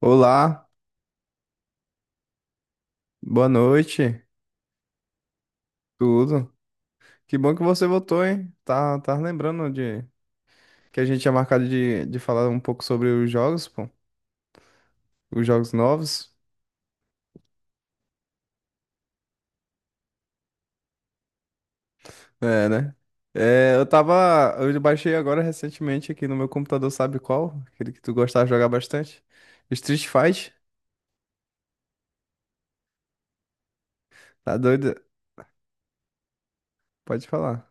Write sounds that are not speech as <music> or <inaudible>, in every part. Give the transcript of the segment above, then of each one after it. Olá, boa noite, tudo? Que bom que você voltou, hein? Tá, tá lembrando de que a gente tinha marcado de falar um pouco sobre os jogos, pô, os jogos novos. É, né? É, eu baixei agora recentemente aqui no meu computador, sabe qual? Aquele que tu gostava de jogar bastante. Street Fight, tá doido? Pode falar.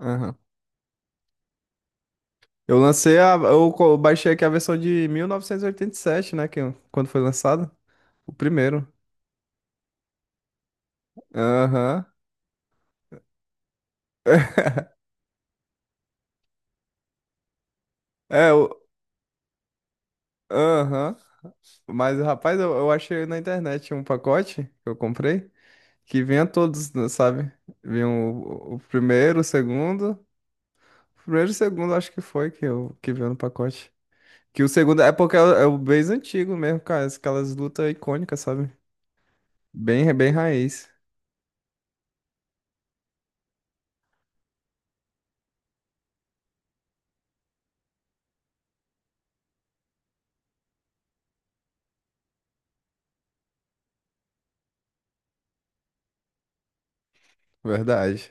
Aham. Eu lancei a, eu co- Baixei aqui a versão de 1987, né, que quando foi lançado, o primeiro. Aham. <laughs> É, o, Aham. Mas, rapaz, eu achei na internet um pacote que eu comprei que vinha todos, né, sabe? Vinha o primeiro, o segundo. O primeiro e o segundo, acho que foi que veio no pacote. Que o segundo é porque é o base antigo mesmo, cara. Aquelas lutas icônicas, sabe? Bem, bem raiz. Verdade.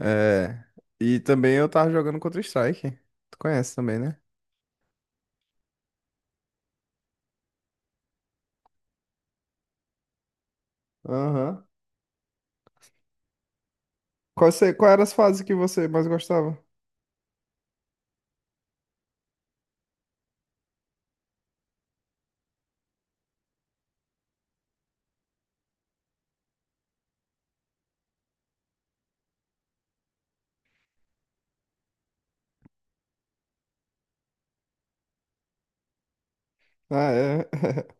É. E também eu tava jogando Counter-Strike. Tu conhece também, né? Aham. Qual era as fases que você mais gostava? Ah, é. <laughs>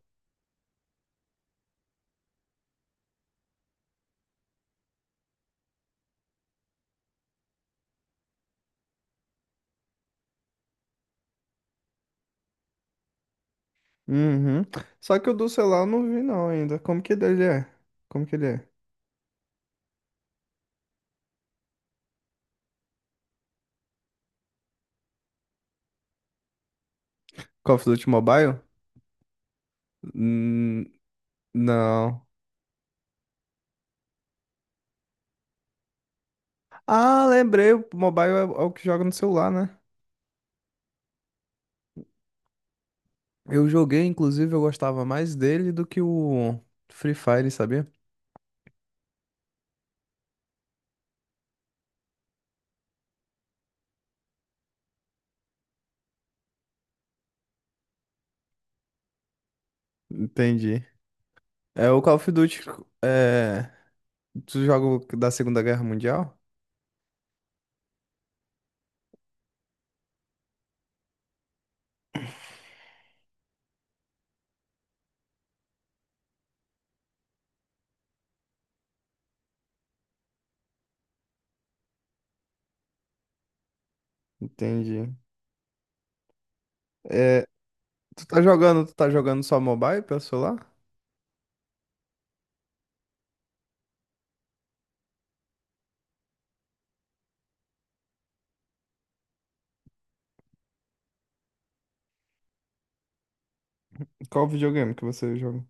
Uhum. Só que o do celular eu não vi não ainda. Como que ele é? Como que ele é? Call of Duty Mobile? Hum, não. Ah, lembrei. O mobile é o que joga no celular, né? Eu joguei, inclusive, eu gostava mais dele do que o Free Fire, sabia? Entendi. É o Call of Duty. É... Tu joga o da Segunda Guerra Mundial? Entendi. É... tu tá jogando só mobile pelo celular? Qual videogame que você joga?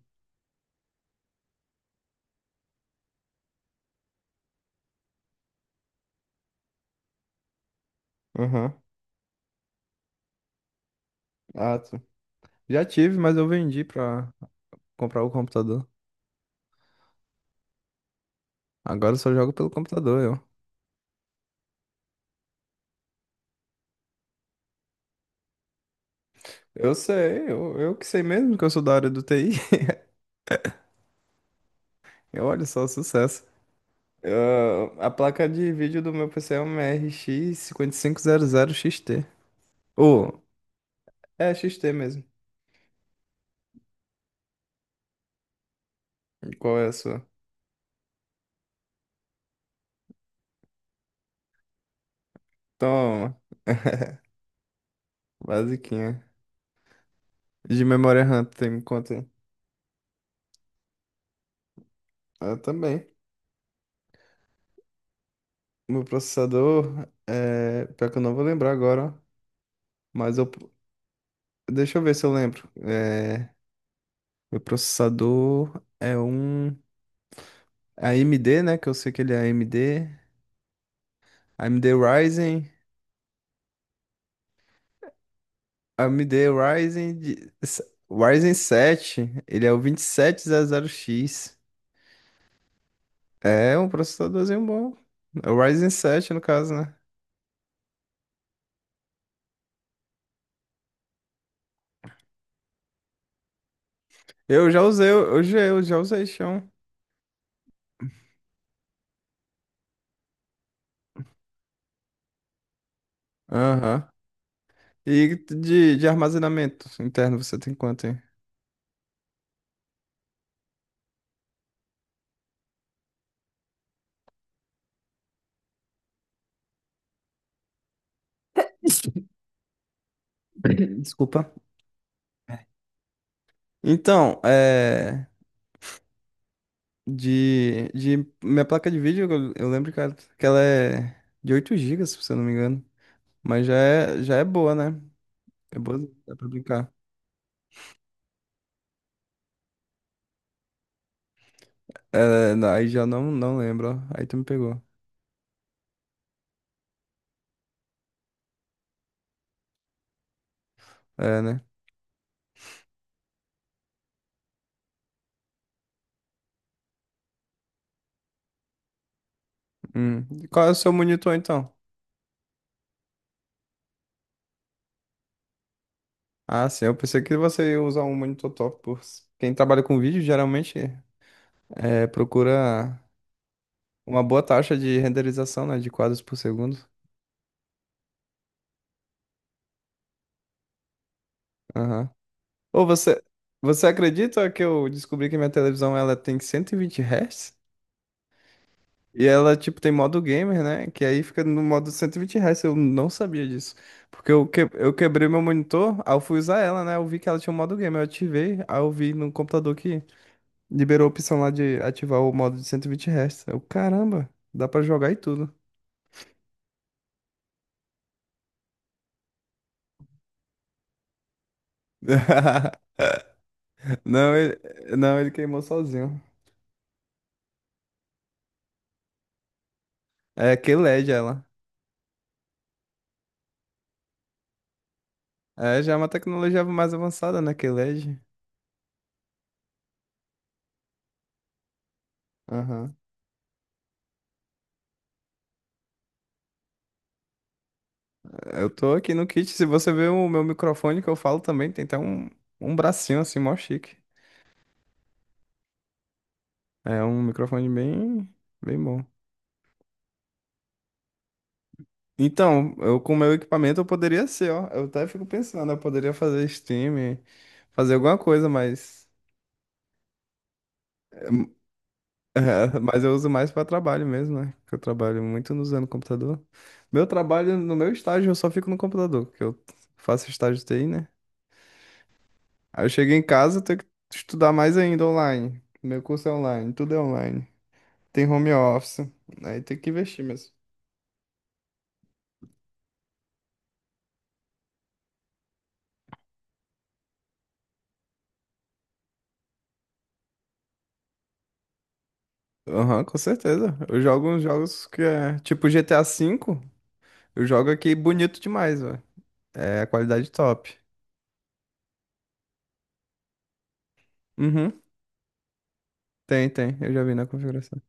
Aham. Ah, já tive, mas eu vendi pra comprar o computador. Agora eu só jogo pelo computador, eu. Eu sei, eu que sei mesmo que eu sou da área do TI. <laughs> Eu olho só, sucesso. A placa de vídeo do meu PC é uma RX 5500XT. Ou, é XT mesmo. E qual é a sua? Toma, basiquinha. De memória RAM, tem me conta aí. Eu também. Meu processador, pior que eu não vou lembrar agora, ó. mas eu... Deixa eu ver se eu lembro. Meu processador é um a AMD, né? Que eu sei que ele é AMD. AMD Ryzen. AMD Ryzen, Ryzen 7. Ele é o 2700X. É um processadorzinho bom. É o Ryzen 7, no caso, né? Eu já usei, eu já usei, chão. Aham. E de armazenamento interno, você tem quanto aí? <laughs> Desculpa. Então, é. De minha placa de vídeo, eu lembro que ela é de 8 gigas se eu não me engano. Mas já é boa, né? É boa, dá pra brincar. É, não, aí já não lembro, ó. Aí tu me pegou. É, né? Hum. E qual é o seu monitor, então? Ah, sim, eu pensei que você ia usar um monitor top. Quem trabalha com vídeo geralmente procura uma boa taxa de renderização, né? De quadros por segundo. Aham. Ou você acredita que eu descobri que minha televisão ela tem 120 Hz? E ela, tipo, tem modo gamer, né? Que aí fica no modo 120 Hz. Eu não sabia disso. Porque eu quebrei meu monitor, aí eu fui usar ela, né? Eu vi que ela tinha um modo gamer. Eu ativei, aí eu vi no computador que liberou a opção lá de ativar o modo de 120 Hz. Eu, caramba, dá pra jogar e tudo. <laughs> Não, ele... não, ele queimou sozinho. É, QLED ela. É, já é uma tecnologia mais avançada, né? QLED. Aham. Eu tô aqui no kit. Se você ver o meu microfone que eu falo também, tem até um bracinho assim, mó chique. É um microfone bem, bem bom. Então, eu com o meu equipamento eu poderia ser, ó. Eu até fico pensando, eu poderia fazer stream, fazer alguma coisa, mas. <laughs> É, mas eu uso mais pra trabalho mesmo, né? Que eu trabalho muito usando computador. Meu trabalho, no meu estágio, eu só fico no computador, que eu faço estágio TI, né? Aí eu chego em casa, eu tenho que estudar mais ainda online. Meu curso é online, tudo é online. Tem home office. Aí tem que investir mesmo. Aham, com certeza. Eu jogo uns jogos que é tipo GTA V. Eu jogo aqui bonito demais, velho. É qualidade top. Uhum. Tem, tem. Eu já vi na configuração.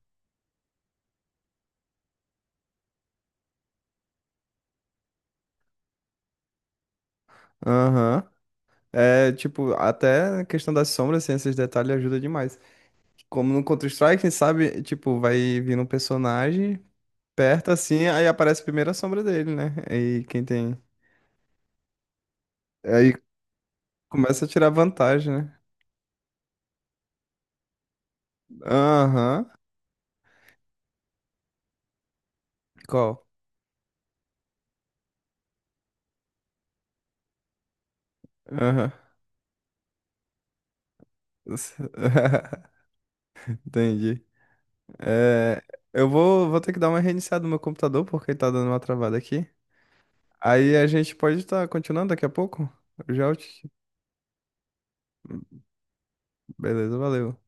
Aham. É, tipo, até a questão das sombras, assim, esses detalhes ajuda demais. Como no Counter-Strike, quem sabe, tipo, vai vindo um personagem perto assim, aí aparece a primeira sombra dele, né? Aí quem tem. Aí começa a tirar vantagem, né? Aham. Qual? Aham. <laughs> Entendi. É, eu vou ter que dar uma reiniciada no meu computador porque tá dando uma travada aqui. Aí a gente pode estar continuando daqui a pouco? Eu já te... Beleza, valeu.